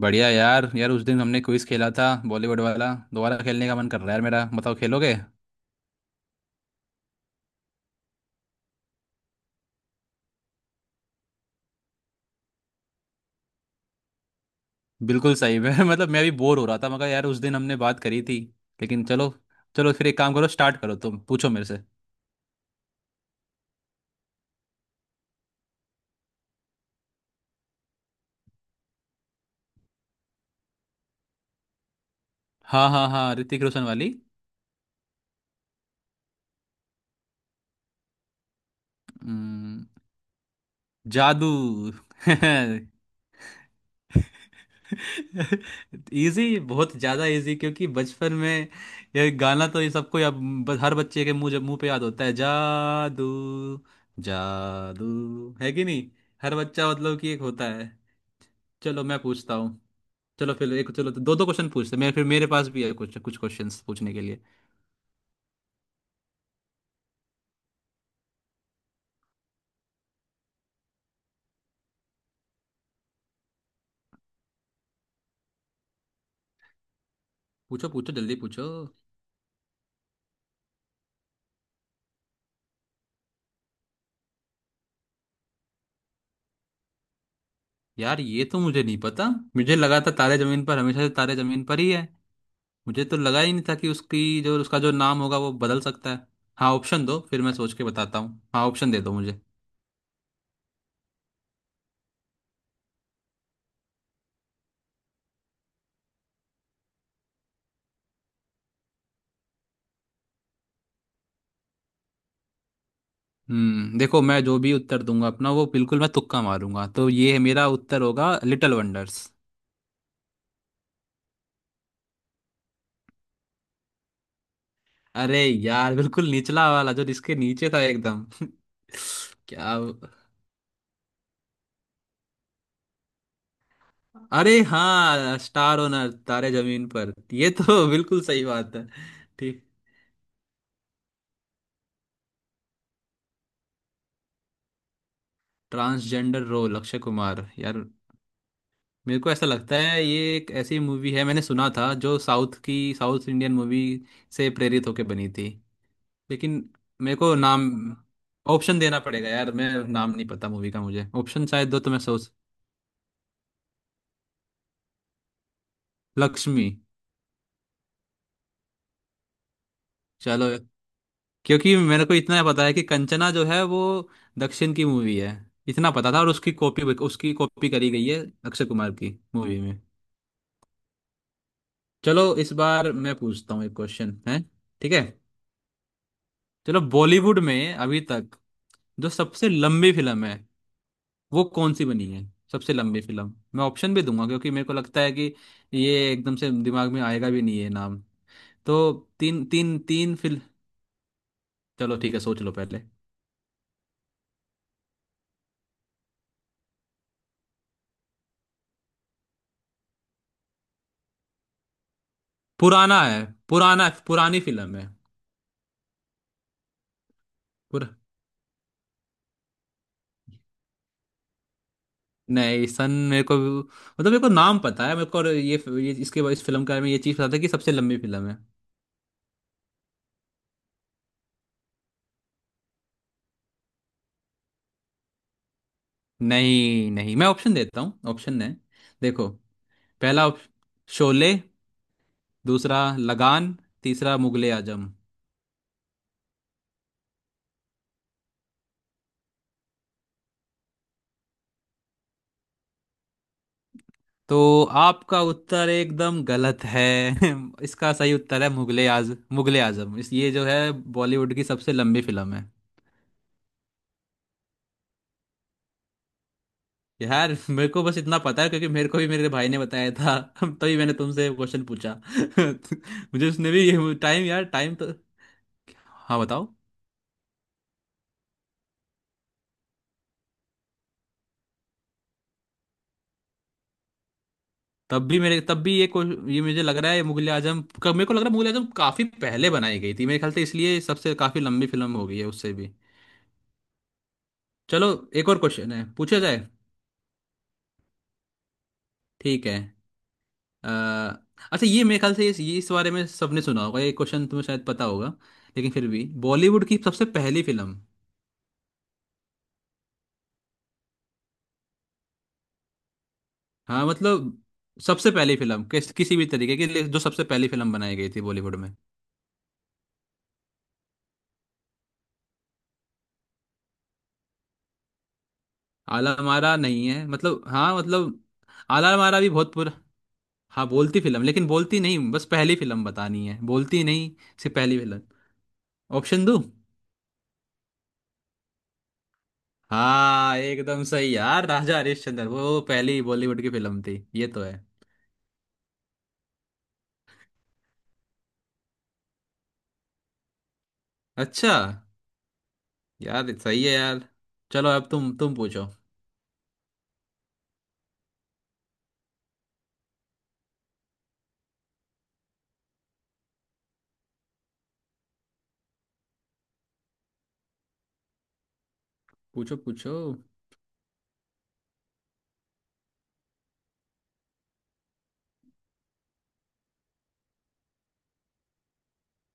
बढ़िया यार यार उस दिन हमने क्विज खेला था बॉलीवुड वाला। दोबारा खेलने का मन कर रहा है यार मेरा। बताओ खेलोगे? बिल्कुल सही है। मतलब मैं भी बोर हो रहा था। मगर यार उस दिन हमने बात करी थी लेकिन चलो। चलो फिर एक काम करो, स्टार्ट करो, तुम पूछो मेरे से। हाँ, हाँ, हाँ, ऋतिक रोशन वाली। हम्म, जादू। इजी, बहुत ज्यादा इजी। क्योंकि बचपन में ये गाना तो ये सबको हर बच्चे के मुंह मुंह पे याद होता है। जादू जादू है कि नहीं। हर बच्चा मतलब कि एक होता है। चलो मैं पूछता हूँ। चलो फिर एक चलो तो दो दो क्वेश्चन पूछते हैं। मैं फिर मेरे पास भी है कुछ कुछ क्वेश्चंस पूछने के लिए। पूछो पूछो, जल्दी पूछो। यार ये तो मुझे नहीं पता। मुझे लगा था तारे जमीन पर हमेशा से तारे जमीन पर ही है। मुझे तो लगा ही नहीं था कि उसकी जो उसका जो नाम होगा वो बदल सकता है। हाँ, ऑप्शन दो फिर मैं सोच के बताता हूँ। हाँ, ऑप्शन दे दो मुझे। देखो, मैं जो भी उत्तर दूंगा अपना वो बिल्कुल मैं तुक्का मारूंगा। तो ये है मेरा उत्तर होगा लिटिल वंडर्स। अरे यार, बिल्कुल निचला वाला जो इसके नीचे था एकदम। क्या? अरे हाँ, स्टार ओनर, तारे जमीन पर, ये तो बिल्कुल सही बात है। ठीक। Transgender role, Akshay Kumar. यार मेरे को ऐसा लगता है ये एक ऐसी मूवी है, मैंने सुना था जो साउथ इंडियन मूवी से प्रेरित होकर बनी थी। लेकिन। मेरे को नाम ऑप्शन देना पड़ेगा यार। मैं नाम नहीं पता मूवी का। मुझे ऑप्शन शायद दो तो मैं सोच। लक्ष्मी। चलो। क्योंकि मेरे को इतना पता है कि कंचना जो है वो दक्षिण की मूवी है। इतना पता था, और उसकी कॉपी करी गई है अक्षय कुमार की मूवी में। चलो इस बार मैं पूछता हूँ, एक क्वेश्चन है। ठीक है। चलो बॉलीवुड में अभी तक जो सबसे लंबी फिल्म है वो कौन सी बनी है? सबसे लंबी फिल्म। मैं ऑप्शन भी दूंगा क्योंकि मेरे को लगता है कि ये एकदम से दिमाग में आएगा भी नहीं है नाम। तो तीन तीन तीन फिल्म। चलो ठीक है, सोच लो पहले। पुराना है। पुराना पुरानी फिल्म है। पुर नहीं सन, मेरे को मतलब मेरे को नाम पता है मेरे को, और ये इसके इस फिल्म के बारे में ये चीज़ पता था कि सबसे लंबी फिल्म है। नहीं, नहीं, मैं ऑप्शन देता हूँ। ऑप्शन है, देखो। पहला शोले। दूसरा लगान। तीसरा मुगले आजम। तो आपका उत्तर एकदम गलत है। इसका सही उत्तर है मुगले आजम। इस ये जो है बॉलीवुड की सबसे लंबी फिल्म है। यार मेरे को बस इतना पता है क्योंकि मेरे को भी मेरे भाई ने बताया था। तभी मैंने तुमसे क्वेश्चन पूछा। मुझे उसने भी टाइम, यार टाइम तो। हाँ, बताओ। तब भी ये को ये मुझे लग रहा है मुगले आजम। मेरे को लग रहा है मुगले आजम काफी पहले बनाई गई थी मेरे ख्याल से, इसलिए सबसे काफी लंबी फिल्म हो गई है उससे भी। चलो, एक और क्वेश्चन है, पूछा जाए। ठीक है। अ, अच्छा, ये मेरे ख्याल से ये इस बारे में सबने सुना होगा, ये क्वेश्चन तुम्हें शायद पता होगा, लेकिन फिर भी बॉलीवुड की सबसे पहली फिल्म। हाँ मतलब, सबसे पहली फिल्म, किसी भी तरीके की जो सबसे पहली फिल्म बनाई गई थी बॉलीवुड में। आला मारा नहीं है, मतलब, हाँ मतलब आला मारा भी बहुत पूरा। हाँ बोलती फिल्म, लेकिन बोलती नहीं, बस पहली फिल्म बतानी है, बोलती नहीं, सिर्फ पहली फिल्म। ऑप्शन दो। हाँ, एकदम सही यार, राजा हरिश्चंद्र वो पहली बॉलीवुड की फिल्म थी, ये तो है। अच्छा। यार सही है यार। चलो अब तुम पूछो। पूछो पूछो।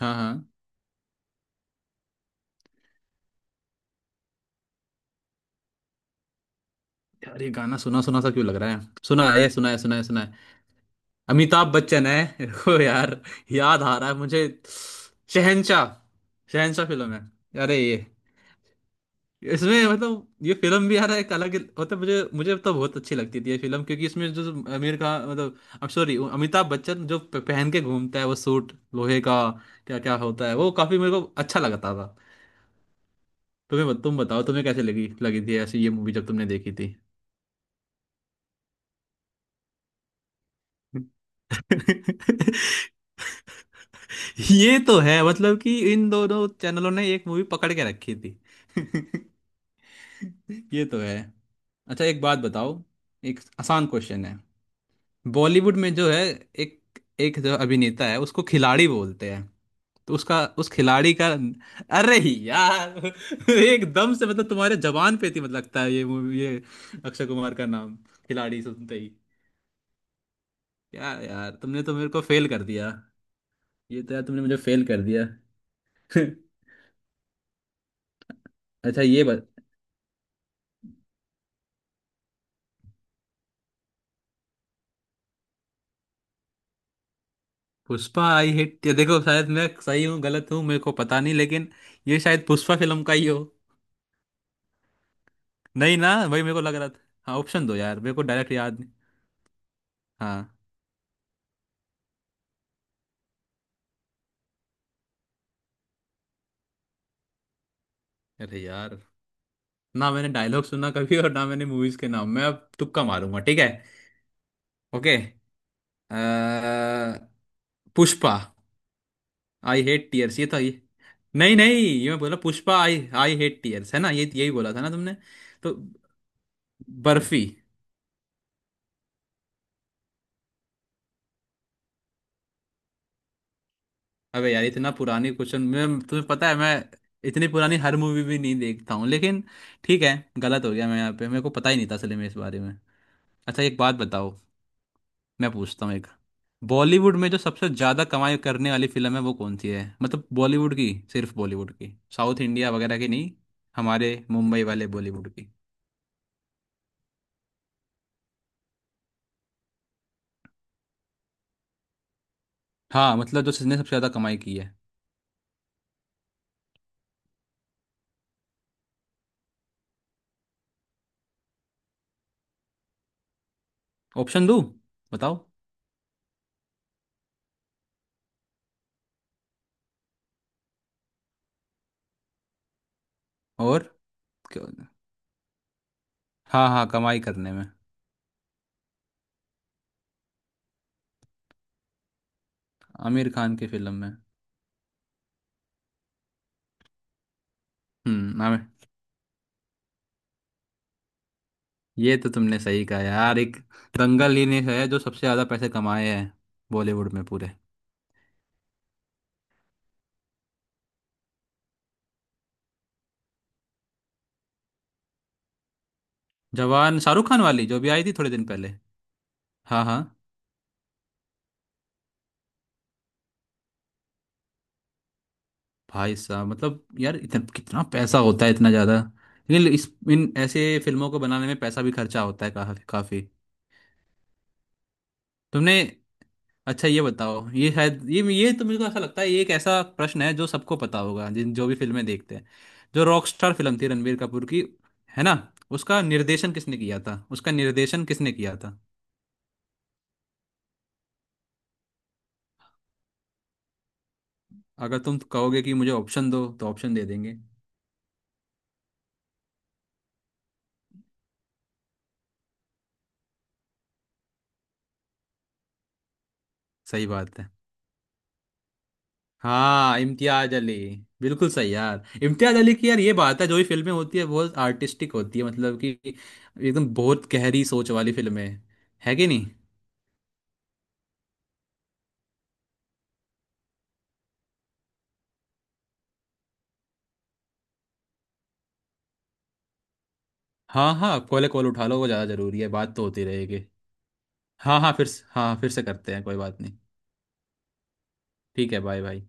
हाँ, हाँ, यार ये गाना सुना सुना सा क्यों लग रहा है? सुना है, सुना है, सुना है, सुना है। अमिताभ बच्चन है। रुको यार, याद आ रहा है मुझे। शहनशाह। शहनशाह फिल्म है। अरे ये, इसमें मतलब ये फिल्म भी यार एक अलग, मतलब मुझे मुझे तो बहुत अच्छी लगती थी ये फिल्म। क्योंकि इसमें जो जो आमिर खान, मतलब अब सॉरी अमिताभ बच्चन, जो पहन के घूमता है वो सूट लोहे का, क्या क्या होता है, वो काफी मेरे को अच्छा लगता था। तुम बताओ, तुम्हें कैसे लगी लगी थी ऐसी ये मूवी जब तुमने देखी थी। ये तो है, मतलब कि इन दोनों चैनलों ने एक मूवी पकड़ के रखी थी। ये तो है। अच्छा एक बात बताओ, एक आसान क्वेश्चन है। बॉलीवुड में जो है, एक एक जो अभिनेता है उसको खिलाड़ी बोलते हैं, तो उसका उस खिलाड़ी का। अरे यार एकदम से मतलब तुम्हारे जबान पे थी, मतलब लगता है ये मूवी, ये अक्षय कुमार का नाम खिलाड़ी सुनते ही। क्या यार, तुमने तो मेरे को फेल कर दिया। ये तो यार तुमने मुझे फेल कर दिया। अच्छा, ये बत पुष्पा आई हिट, ये देखो शायद मैं सही हूँ गलत हूँ मेरे को पता नहीं, लेकिन ये शायद पुष्पा फिल्म का ही हो। नहीं ना, वही मेरे को लग रहा था। हाँ, ऑप्शन दो यार, मेरे को डायरेक्ट याद नहीं। हाँ। अरे यार, ना मैंने डायलॉग सुना कभी और ना मैंने मूवीज के नाम, मैं अब तुक्का मारूंगा, ठीक है। ओके। अ, पुष्पा। आई हेट टीयर्स, ये था ये। नहीं, नहीं, ये मैं बोला Pushpa I. I hate tears है ना ये, यही बोला था ना तुमने? तो बर्फी। अबे यार इतना पुरानी क्वेश्चन मैं, तुम्हें पता है, मैं इतनी पुरानी हर मूवी भी नहीं देखता हूँ, लेकिन ठीक है, गलत हो गया मैं यहाँ पे, मेरे को पता ही नहीं था असल में इस बारे में। अच्छा एक बात बताओ, मैं पूछता हूँ। बॉलीवुड में जो सबसे ज्यादा कमाई करने वाली फिल्म है वो कौन सी है? मतलब बॉलीवुड की सिर्फ बॉलीवुड की, साउथ इंडिया वगैरह की नहीं, हमारे मुंबई वाले बॉलीवुड की। हाँ मतलब जो जिसने सबसे ज्यादा कमाई की है। ऑप्शन दो, बताओ। और क्यों- हाँ, हाँ, कमाई करने में। आमिर खान की फिल्म में। आमिर, ये तो तुमने सही कहा यार, एक दंगल ही ने है जो सबसे ज्यादा पैसे कमाए हैं बॉलीवुड में पूरे। जवान शाहरुख खान वाली जो भी आई थी थोड़े दिन पहले। हाँ, हाँ। भाई साहब, मतलब यार इतना कितना पैसा होता है, इतना ज्यादा। लेकिन इस इन ऐसे फिल्मों को बनाने में पैसा भी खर्चा होता है काफी काफी। तुमने अच्छा ये बताओ, ये शायद ये तो मेरे को ऐसा लगता है, ये एक ऐसा प्रश्न है जो सबको पता होगा जिन जो भी फिल्में देखते हैं। जो रॉकस्टार फिल्म थी रणबीर कपूर की, है ना? उसका निर्देशन किसने किया था? उसका निर्देशन किसने किया था? अगर तुम कहोगे कि मुझे ऑप्शन दो तो ऑप्शन दे देंगे। सही बात है। हाँ, इम्तियाज अली। बिल्कुल सही यार, इम्तियाज अली की यार ये बात है, जो भी फिल्में होती है बहुत आर्टिस्टिक होती है, मतलब कि एकदम बहुत गहरी सोच वाली फिल्में। है कि नहीं? हाँ, हाँ, कॉल उठा लो, वो ज़्यादा ज़रूरी है, बात तो होती रहेगी। हाँ, हाँ, हाँ फिर से करते हैं, कोई बात नहीं। ठीक है, बाय बाय।